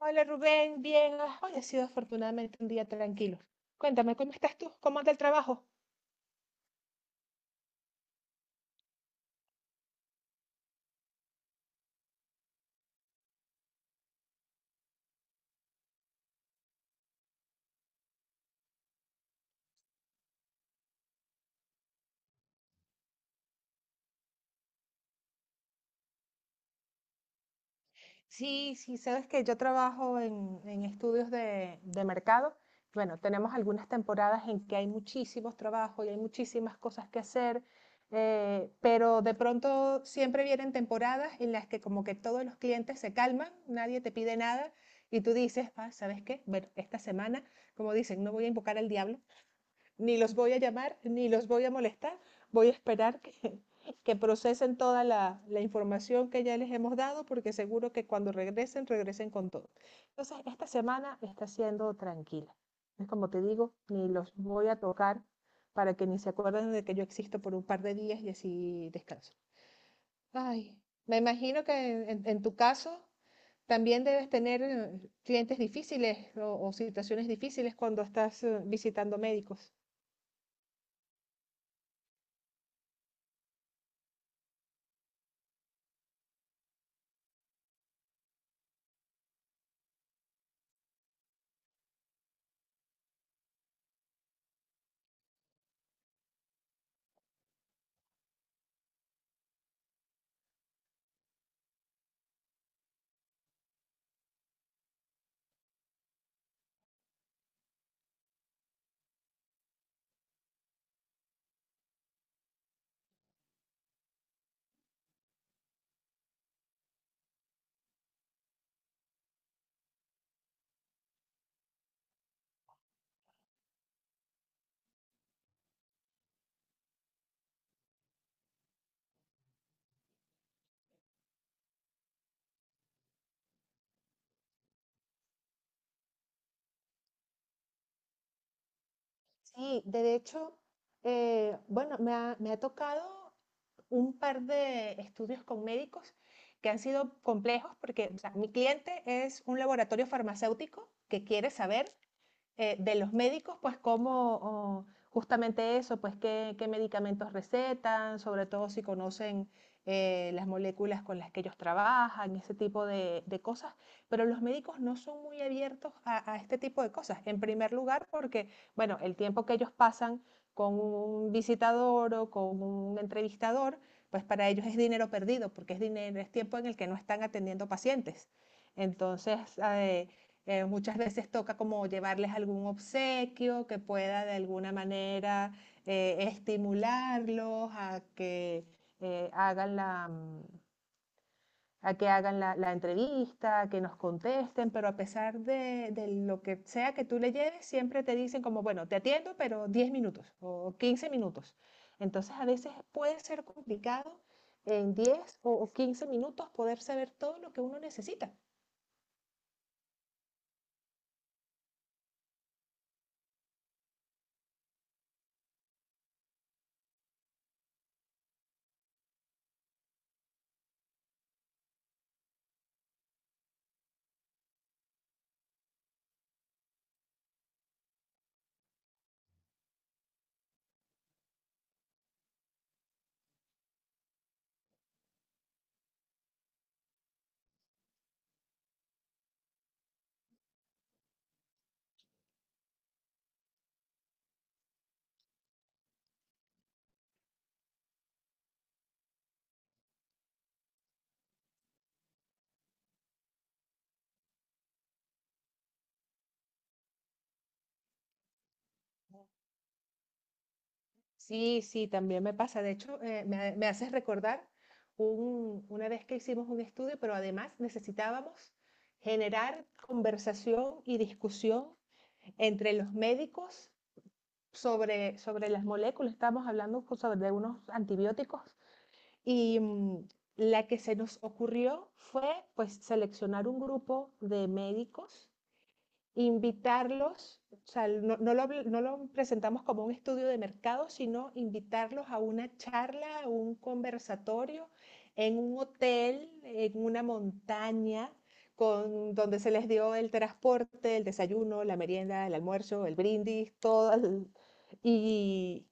Hola Rubén, bien. Hoy ha sido afortunadamente un día tranquilo. Cuéntame, ¿cómo estás tú? ¿Cómo anda el trabajo? Sí, sí, sabes que yo trabajo en estudios de mercado. Bueno, tenemos algunas temporadas en que hay muchísimos trabajos y hay muchísimas cosas que hacer, pero de pronto siempre vienen temporadas en las que como que todos los clientes se calman, nadie te pide nada y tú dices, ah, ¿sabes qué? Bueno, esta semana, como dicen, no voy a invocar al diablo. Ni los voy a llamar, ni los voy a molestar. Voy a esperar que, que procesen toda información que ya les hemos dado, porque seguro que cuando regresen, regresen con todo. Entonces, esta semana está siendo tranquila. Es como te digo, ni los voy a tocar para que ni se acuerden de que yo existo por un par de días y así descanso. Ay, me imagino que en tu caso también debes tener clientes difíciles o situaciones difíciles cuando estás visitando médicos. Sí, de hecho, me ha tocado un par de estudios con médicos que han sido complejos porque, o sea, mi cliente es un laboratorio farmacéutico que quiere saber de los médicos, pues cómo, oh, justamente eso, pues qué, qué, medicamentos recetan, sobre todo si conocen las moléculas con las que ellos trabajan, ese tipo de cosas, pero los médicos no son muy abiertos a, este tipo de cosas. En primer lugar, porque, bueno, el tiempo que ellos pasan con un visitador o con un entrevistador, pues para ellos es dinero perdido, porque es dinero, es tiempo en el que no están atendiendo pacientes. Entonces, muchas veces toca como llevarles algún obsequio que pueda de alguna manera estimularlos a que eh, hagan la, mm, a que hagan la entrevista, a que nos contesten, pero a pesar de lo que sea que tú le lleves, siempre te dicen como, bueno, te atiendo, pero 10 minutos o 15 minutos. Entonces a veces puede ser complicado en 10 o 15 minutos poder saber todo lo que uno necesita. Sí, sí, también me pasa. De hecho, me haces recordar una vez que hicimos un estudio, pero además necesitábamos generar conversación y discusión entre los médicos sobre, sobre las moléculas. Estábamos hablando sobre unos antibióticos y la que se nos ocurrió fue pues seleccionar un grupo de médicos, invitarlos, o sea, no, no, lo, no, lo, presentamos como un estudio de mercado, sino invitarlos a una charla, a un conversatorio en un hotel, en una montaña, con, donde se les dio el transporte, el desayuno, la merienda, el almuerzo, el brindis, todo. El, y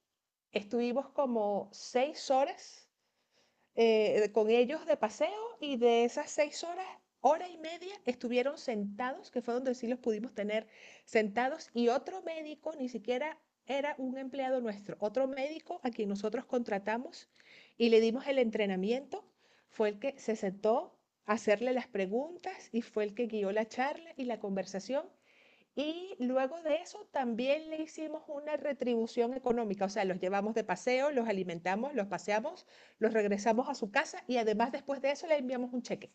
estuvimos como 6 horas con ellos de paseo y de esas 6 horas, hora y media estuvieron sentados, que fue donde sí los pudimos tener sentados, y otro médico, ni siquiera era un empleado nuestro, otro médico a quien nosotros contratamos y le dimos el entrenamiento, fue el que se sentó a hacerle las preguntas y fue el que guió la charla y la conversación. Y luego de eso también le hicimos una retribución económica, o sea, los llevamos de paseo, los alimentamos, los paseamos, los regresamos a su casa y además después de eso le enviamos un cheque.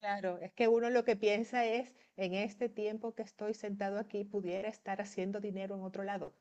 Claro, es que uno lo que piensa es, en este tiempo que estoy sentado aquí, pudiera estar haciendo dinero en otro lado.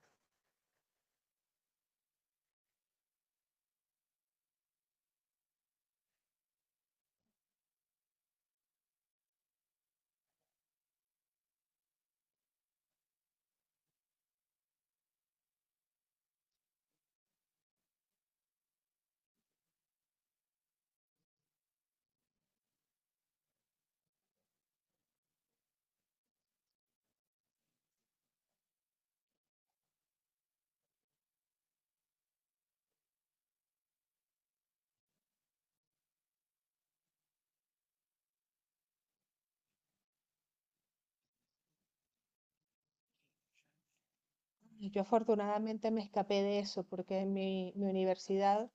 Y yo afortunadamente me escapé de eso porque en mi universidad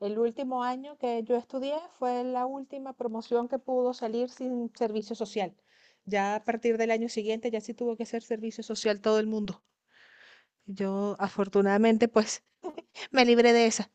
el último año que yo estudié fue la última promoción que pudo salir sin servicio social. Ya a partir del año siguiente ya sí tuvo que ser servicio social todo el mundo. Yo afortunadamente pues me libré de esa.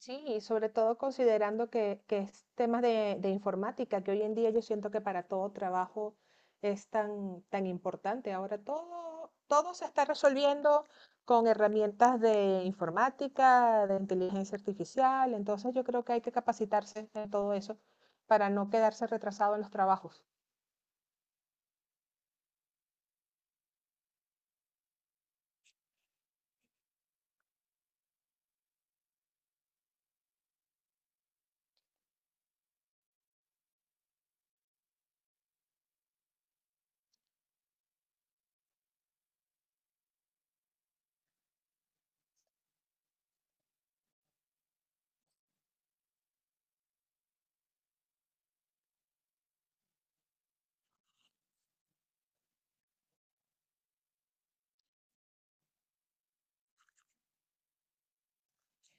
Sí, y sobre todo considerando que es temas de informática, que hoy en día yo siento que para todo trabajo es tan, tan importante. Ahora todo, todo se está resolviendo con herramientas de informática, de inteligencia artificial, entonces yo creo que hay que capacitarse en todo eso para no quedarse retrasado en los trabajos.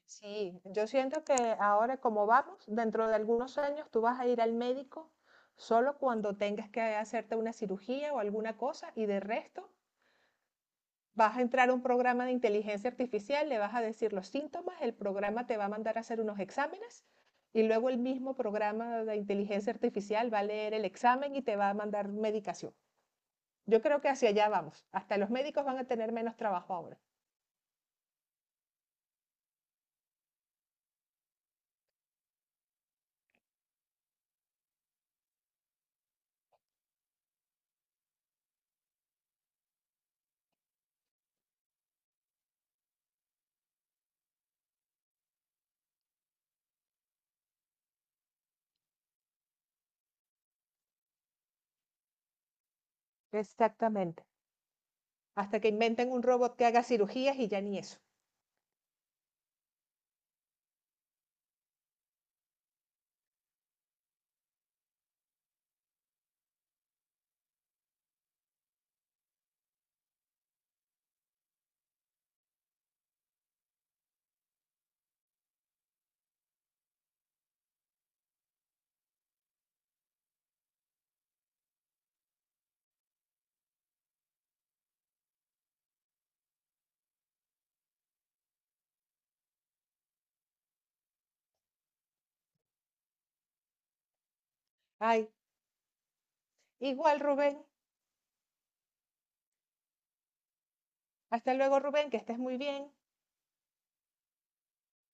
Sí, yo siento que ahora como vamos, dentro de algunos años tú vas a ir al médico solo cuando tengas que hacerte una cirugía o alguna cosa y de resto vas a entrar a un programa de inteligencia artificial, le vas a decir los síntomas, el programa te va a mandar a hacer unos exámenes y luego el mismo programa de inteligencia artificial va a leer el examen y te va a mandar medicación. Yo creo que hacia allá vamos. Hasta los médicos van a tener menos trabajo ahora. Exactamente. Hasta que inventen un robot que haga cirugías y ya ni eso. Ay, igual, Rubén. Hasta luego, Rubén, que estés muy bien.